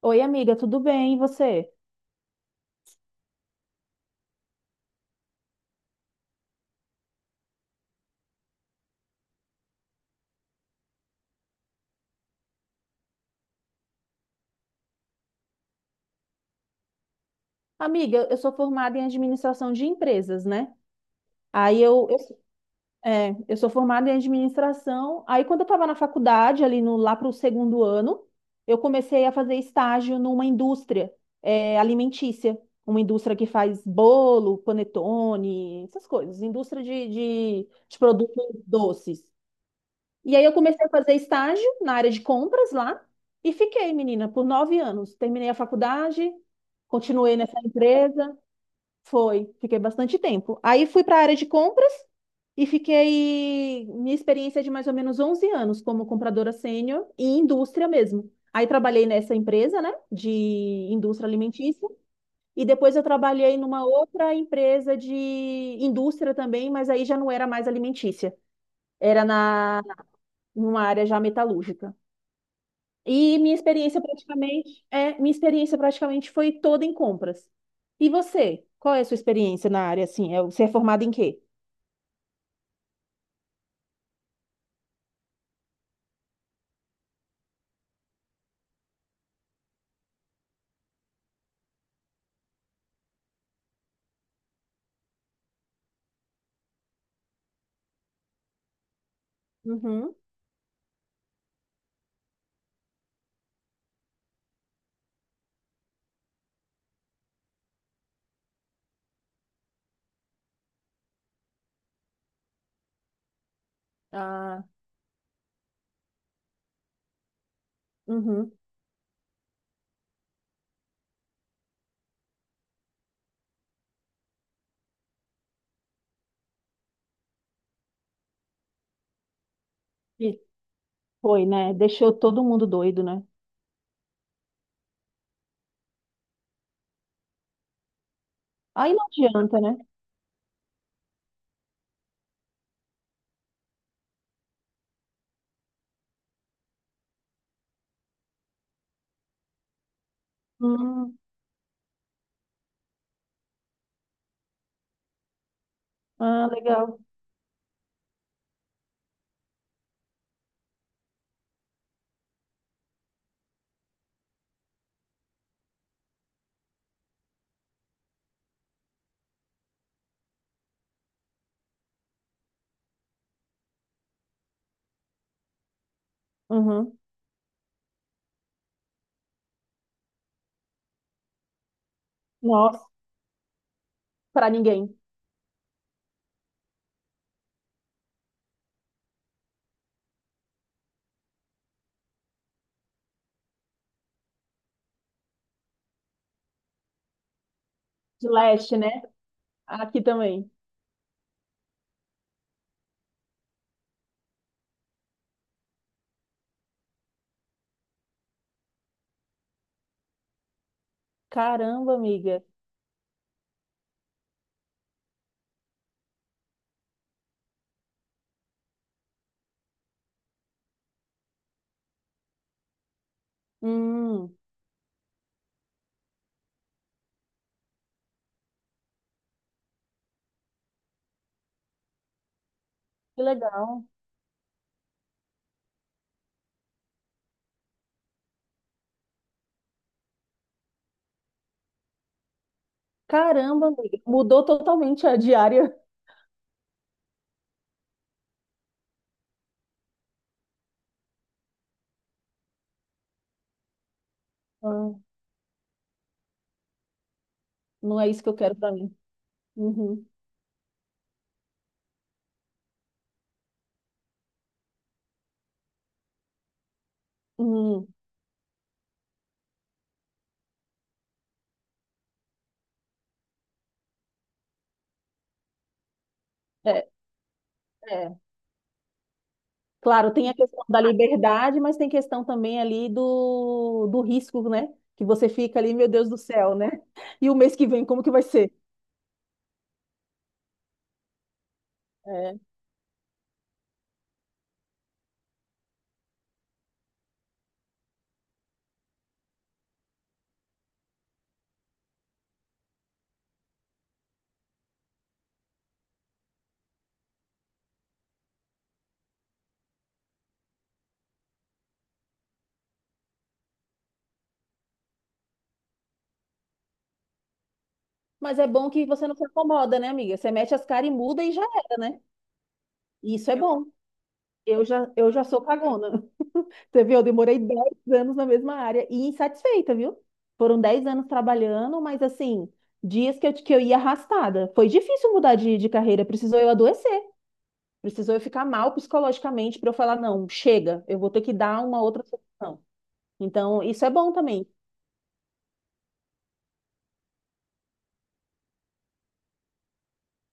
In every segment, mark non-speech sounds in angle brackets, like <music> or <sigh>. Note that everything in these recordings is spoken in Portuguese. Oi, amiga, tudo bem? E você? Amiga, eu sou formada em administração de empresas, né? Aí eu sou formada em administração. Aí quando eu estava na faculdade, ali no, lá para o segundo ano, eu comecei a fazer estágio numa indústria, alimentícia, uma indústria que faz bolo, panetone, essas coisas, indústria de produtos doces. E aí eu comecei a fazer estágio na área de compras lá e fiquei, menina, por 9 anos. Terminei a faculdade, continuei nessa empresa, foi, fiquei bastante tempo. Aí fui para a área de compras e fiquei minha experiência é de mais ou menos 11 anos como compradora sênior em indústria mesmo. Aí trabalhei nessa empresa, né, de indústria alimentícia, e depois eu trabalhei numa outra empresa de indústria também, mas aí já não era mais alimentícia, era na numa área já metalúrgica. Minha experiência praticamente foi toda em compras. E você? Qual é a sua experiência na área assim? Você é formado em quê? Uhum. Ah, uhum. E foi, né? Deixou todo mundo doido, né? Aí não adianta, né? Hum, ah, legal. Uhum. Nossa, para ninguém. De leste, né? Aqui também. Caramba, amiga. Hum, que legal. Caramba, amiga. Mudou totalmente a diária. <laughs> Ah, não é isso que eu quero pra mim. Uhum. Uhum. É, é. Claro, tem a questão da liberdade, mas tem questão também ali do risco, né? Que você fica ali, meu Deus do céu, né? E o mês que vem, como que vai ser? É. Mas é bom que você não se acomoda, né, amiga? Você mete as caras e muda e já era, né? Isso é bom. Eu já sou cagona. Você viu? Eu demorei 10 anos na mesma área e insatisfeita, viu? Foram 10 anos trabalhando, mas assim, dias que eu ia arrastada. Foi difícil mudar de carreira, precisou eu adoecer, precisou eu ficar mal psicologicamente para eu falar, não, chega, eu vou ter que dar uma outra solução. Então, isso é bom também.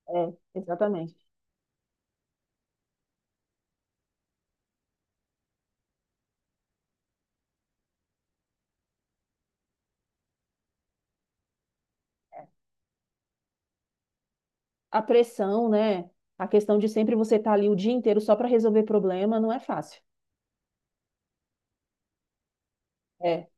É, exatamente. A pressão, né? A questão de sempre você estar ali o dia inteiro só para resolver problema, não é fácil. É,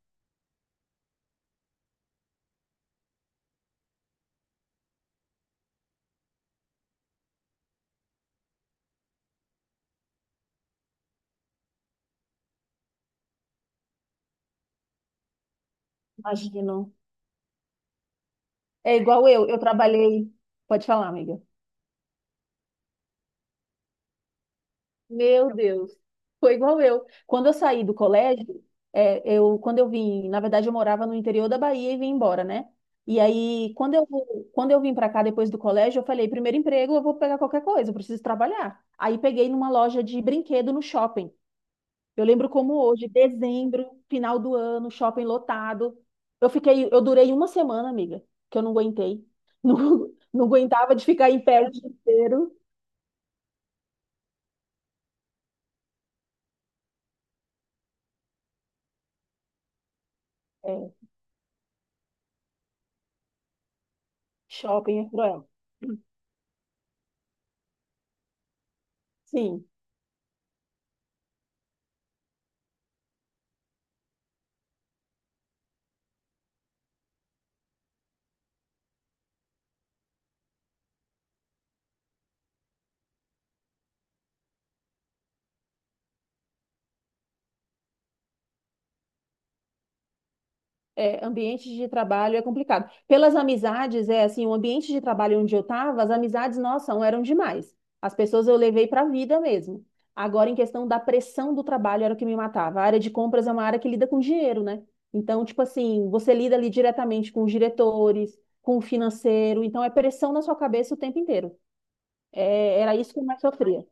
imagino. É igual eu trabalhei. Pode falar, amiga. Meu Deus, foi igual eu. Quando eu saí do colégio, quando eu vim, na verdade eu morava no interior da Bahia e vim embora, né? E aí, quando eu vim para cá depois do colégio, eu falei, primeiro emprego, eu vou pegar qualquer coisa, eu preciso trabalhar. Aí peguei numa loja de brinquedo no shopping. Eu lembro como hoje, dezembro, final do ano, shopping lotado. Eu durei uma semana, amiga, que eu não aguentei. <laughs> Não, não aguentava de ficar em pé o dia inteiro. É, shopping é cruel. Sim. É, ambiente de trabalho é complicado. Pelas amizades, é assim, o ambiente de trabalho onde eu estava, as amizades, nossa, não eram demais. As pessoas eu levei para a vida mesmo. Agora, em questão da pressão do trabalho, era o que me matava. A área de compras é uma área que lida com dinheiro, né? Então, tipo assim, você lida ali diretamente com os diretores, com o financeiro, então é pressão na sua cabeça o tempo inteiro. É, era isso que eu mais sofria.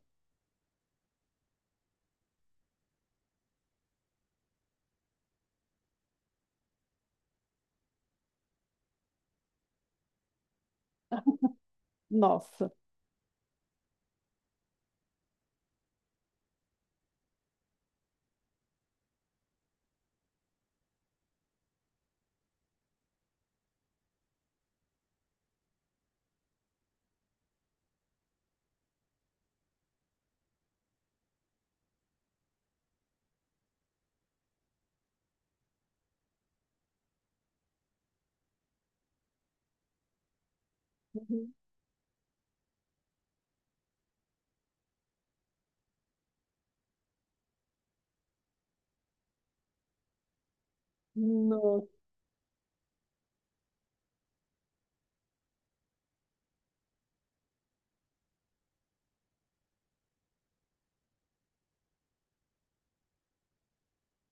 Nossa. Uhum. Nossa.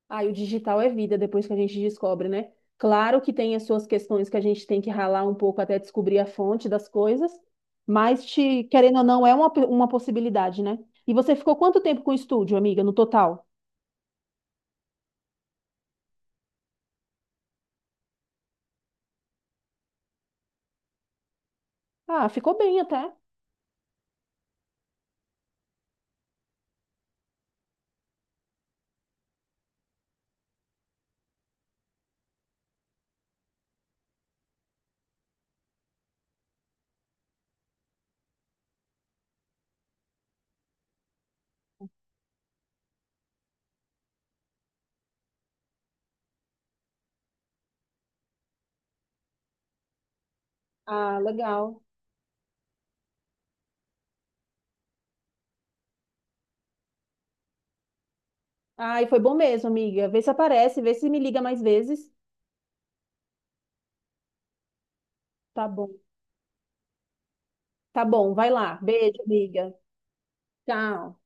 Ah, e o digital é vida depois que a gente descobre, né? Claro que tem as suas questões que a gente tem que ralar um pouco até descobrir a fonte das coisas, mas te, querendo ou não, é uma possibilidade, né? E você ficou quanto tempo com o estúdio, amiga, no total? Ah, ficou bem até. Ah, legal. Ah, e foi bom mesmo, amiga. Vê se aparece, vê se me liga mais vezes. Tá bom. Tá bom, vai lá. Beijo, amiga. Tchau.